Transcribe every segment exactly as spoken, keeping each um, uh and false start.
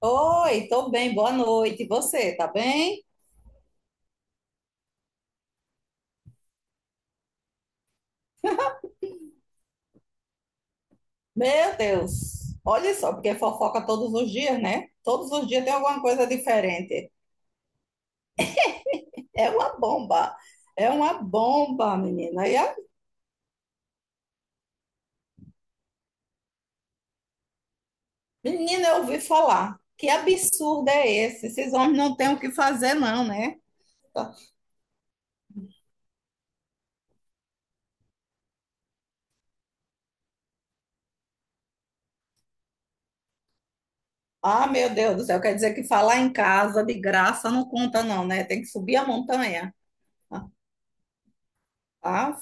Oi, tô bem, boa noite. E você, tá bem? Meu Deus, olha só, porque fofoca todos os dias, né? Todos os dias tem alguma coisa diferente. É uma bomba, é uma bomba, menina. E a Menina, eu ouvi falar. Que absurdo é esse? Esses homens não têm o que fazer, não, né? Ah, meu Deus do céu, quer dizer que falar em casa de graça não conta, não, né? Tem que subir a montanha. Ah,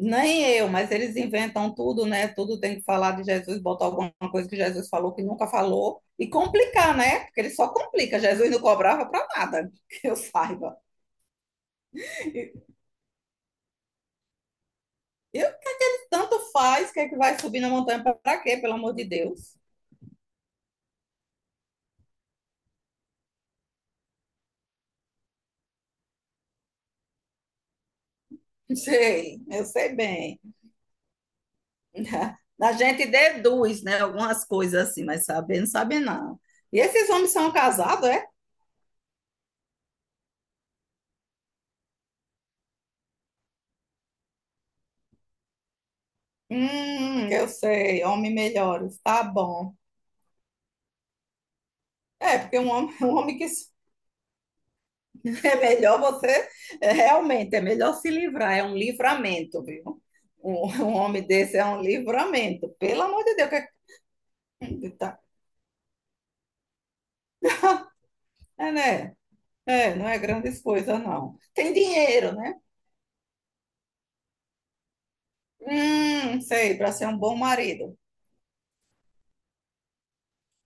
nem eu, mas eles inventam tudo, né? Tudo tem que falar de Jesus, botar alguma coisa que Jesus falou que nunca falou e complicar, né? Porque ele só complica. Jesus não cobrava para nada, que eu saiba. Eu Tanto faz, que é que vai subir na montanha para quê? Pelo amor de Deus. Sei, eu sei bem. A gente deduz, né, algumas coisas assim, mas saber não sabe não. E esses homens são casados, é? Hum, eu sei, homens melhores, tá bom. É, porque um homem, um homem que é melhor você, é, realmente, é melhor se livrar, é um livramento, viu? Um, um homem desse é um livramento, pelo amor de Deus, que é, tá- é, né? É, não é grandes coisas, não. Tem dinheiro, né? Hum, sei, para ser um bom marido.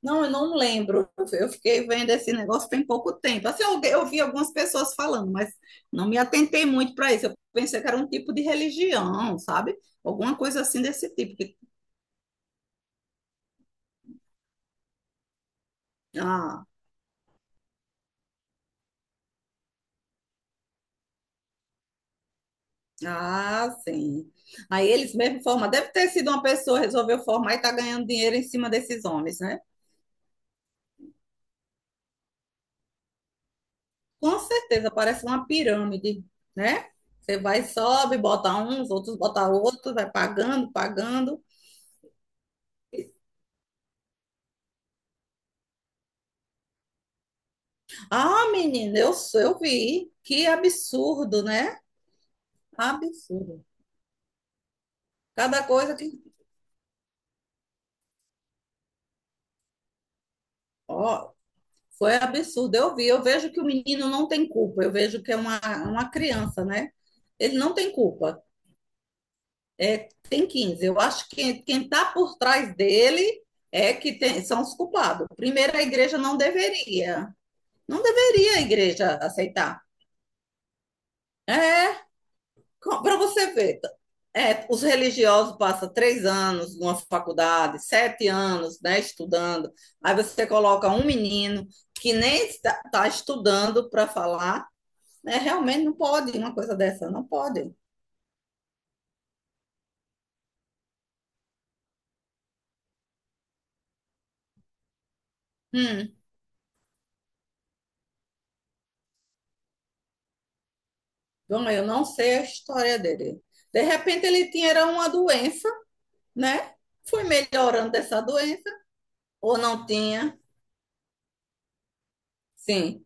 Não, eu não lembro. Eu fiquei vendo esse negócio tem pouco tempo. Assim, eu, eu vi algumas pessoas falando, mas não me atentei muito para isso. Eu pensei que era um tipo de religião, sabe? Alguma coisa assim desse tipo. Que, ah, Ah, sim. Aí eles mesmo formam. Deve ter sido uma pessoa que resolveu formar e está ganhando dinheiro em cima desses homens, né? Com certeza, parece uma pirâmide, né? Você vai, sobe, bota uns, outros bota outros, vai pagando, pagando. Ah, menina, eu, sou- eu vi. Que absurdo, né? Absurdo. Cada coisa que. Ó, foi absurdo. Eu vi. Eu vejo que o menino não tem culpa. Eu vejo que é uma, uma criança, né? Ele não tem culpa. Tem quinze. Eu acho que quem está por trás dele é que tem, são os culpados. Primeiro, a igreja não deveria, não deveria a igreja aceitar. É, para você ver, é, os religiosos passam três anos numa faculdade, sete anos, né, estudando. Aí você coloca um menino que nem está, está estudando para falar, né, realmente não pode uma coisa dessa, não pode. Hum, bom, eu não sei a história dele. De repente ele tinha uma doença, né? Fui melhorando dessa doença ou não tinha? Sim.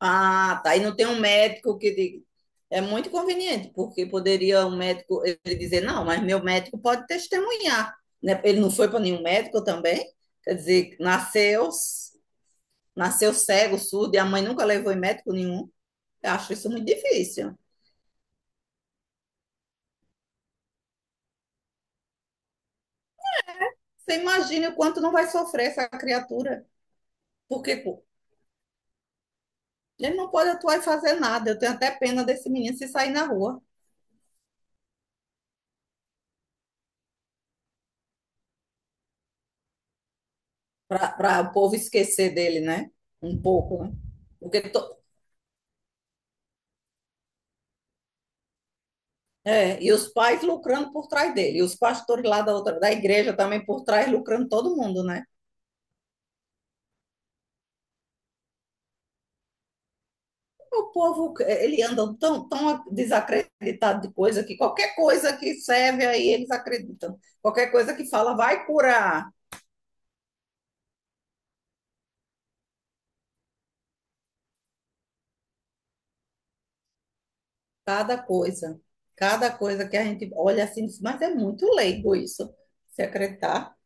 Ah, tá. E não tem um médico que diga. É muito conveniente, porque poderia um médico ele dizer, não, mas meu médico pode testemunhar. Né? Ele não foi para nenhum médico também. Quer dizer, nasceu, nasceu cego, surdo, e a mãe nunca levou em médico nenhum. Eu acho isso muito difícil. Você imagina o quanto não vai sofrer essa criatura. Porque pô, ele não pode atuar e fazer nada. Eu tenho até pena desse menino se sair na rua. Para o povo esquecer dele, né? Um pouco, né? Porque to- é, e os pais lucrando por trás dele, e os pastores lá da outra, da igreja também por trás lucrando todo mundo, né? O povo, eh, ele anda tão, tão desacreditado de coisa que qualquer coisa que serve aí eles acreditam. Qualquer coisa que fala vai curar. Cada coisa, cada coisa que a gente olha assim, diz, mas é muito leigo isso, se acreditar.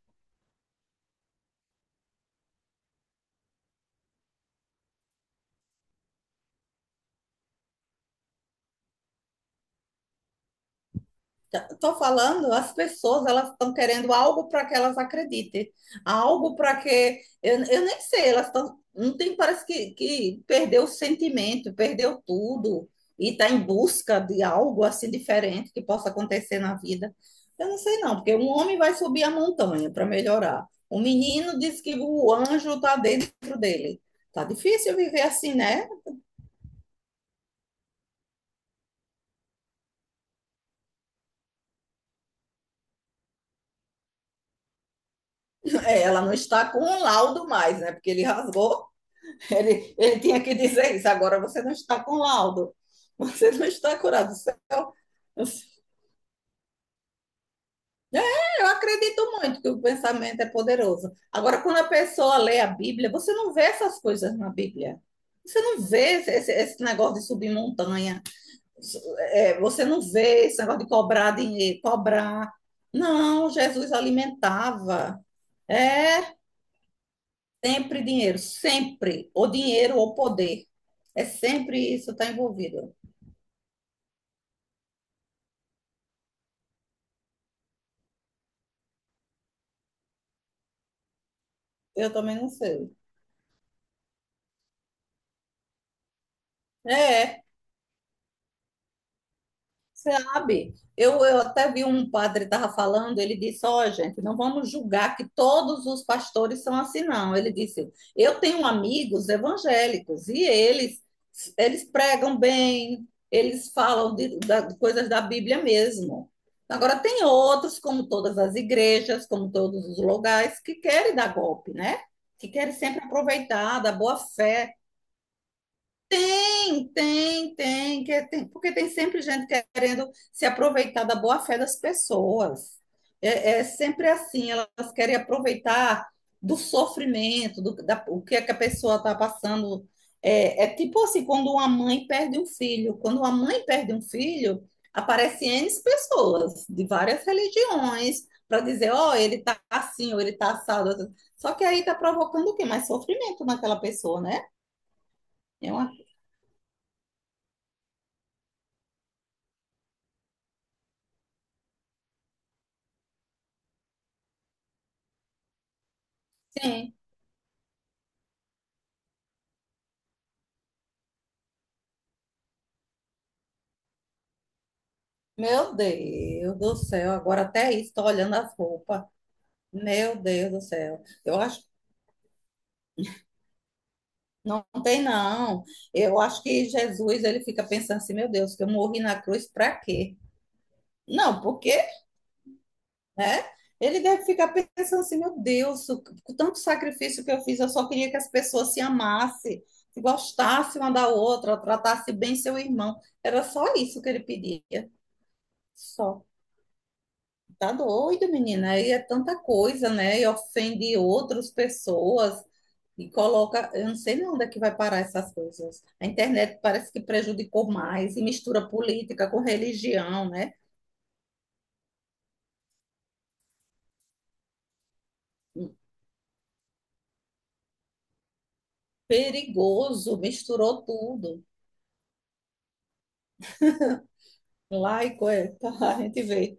Estou falando, as pessoas, elas estão querendo algo para que elas acreditem, algo para que eu, eu nem sei, elas estão, não tem, parece que, que perdeu o sentimento, perdeu tudo e está em busca de algo assim diferente que possa acontecer na vida. Eu não sei não, porque um homem vai subir a montanha para melhorar. O menino diz que o anjo está dentro dele. Tá difícil viver assim, né? É, ela não está com um laudo mais, né? Porque ele rasgou. Ele, ele tinha que dizer isso. Agora você não está com laudo, você não está curado. Eu, eu acredito muito que o pensamento é poderoso. Agora, quando a pessoa lê a Bíblia, você não vê essas coisas na Bíblia. Você não vê esse, esse negócio de subir montanha. É, você não vê esse negócio de cobrar dinheiro, cobrar. Não, Jesus alimentava. É sempre dinheiro, sempre. Ou dinheiro ou poder. É sempre isso que está envolvido. Eu também não sei. É, sabe? Eu, eu até vi um padre estava falando, ele disse, ó, gente, não vamos julgar que todos os pastores são assim, não. Ele disse, eu tenho amigos evangélicos e eles, eles pregam bem, eles falam de, da- de coisas da Bíblia mesmo. Agora, tem outros, como todas as igrejas, como todos os lugares, que querem dar golpe, né? Que querem sempre aproveitar da boa fé. Tem, tem, tem, que- é, tem- porque tem sempre gente querendo se aproveitar da boa-fé das pessoas. É, é sempre assim, elas querem aproveitar do sofrimento, do da- o que é que a pessoa está passando. É, é tipo assim, quando uma mãe perde um filho. Quando uma mãe perde um filho, aparecem N pessoas de várias religiões para dizer, ó, ele está assim, ou ele está assado. Só que aí está provocando o quê? Mais sofrimento naquela pessoa, né? É uma... Sim. Meu Deus do céu, agora até isso, tô olhando as roupas. Meu Deus do céu. Eu acho, não tem não. Eu acho que Jesus, ele fica pensando assim, meu Deus, que eu morri na cruz para quê? Não, porque, né? Ele deve ficar pensando assim, meu Deus, o- com tanto sacrifício que eu fiz, eu só queria que as pessoas se amassem, se gostassem uma da outra, tratassem bem seu irmão. Era só isso que ele pedia. Só. Tá doido, menina. Aí é tanta coisa, né? E ofende outras pessoas e coloca. Eu não sei nem onde é que vai parar essas coisas. A internet parece que prejudicou mais e mistura política com religião, né? Perigoso, misturou tudo. Laico é, tá, a gente vê.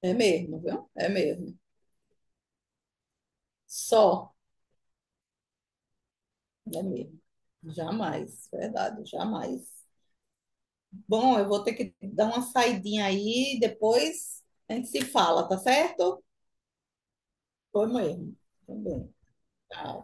É mesmo, viu? É mesmo. Só, é mesmo. Jamais, verdade, jamais. Bom, eu vou ter que dar uma saidinha aí, depois a gente se fala, tá certo? Foi mesmo, também. Ah.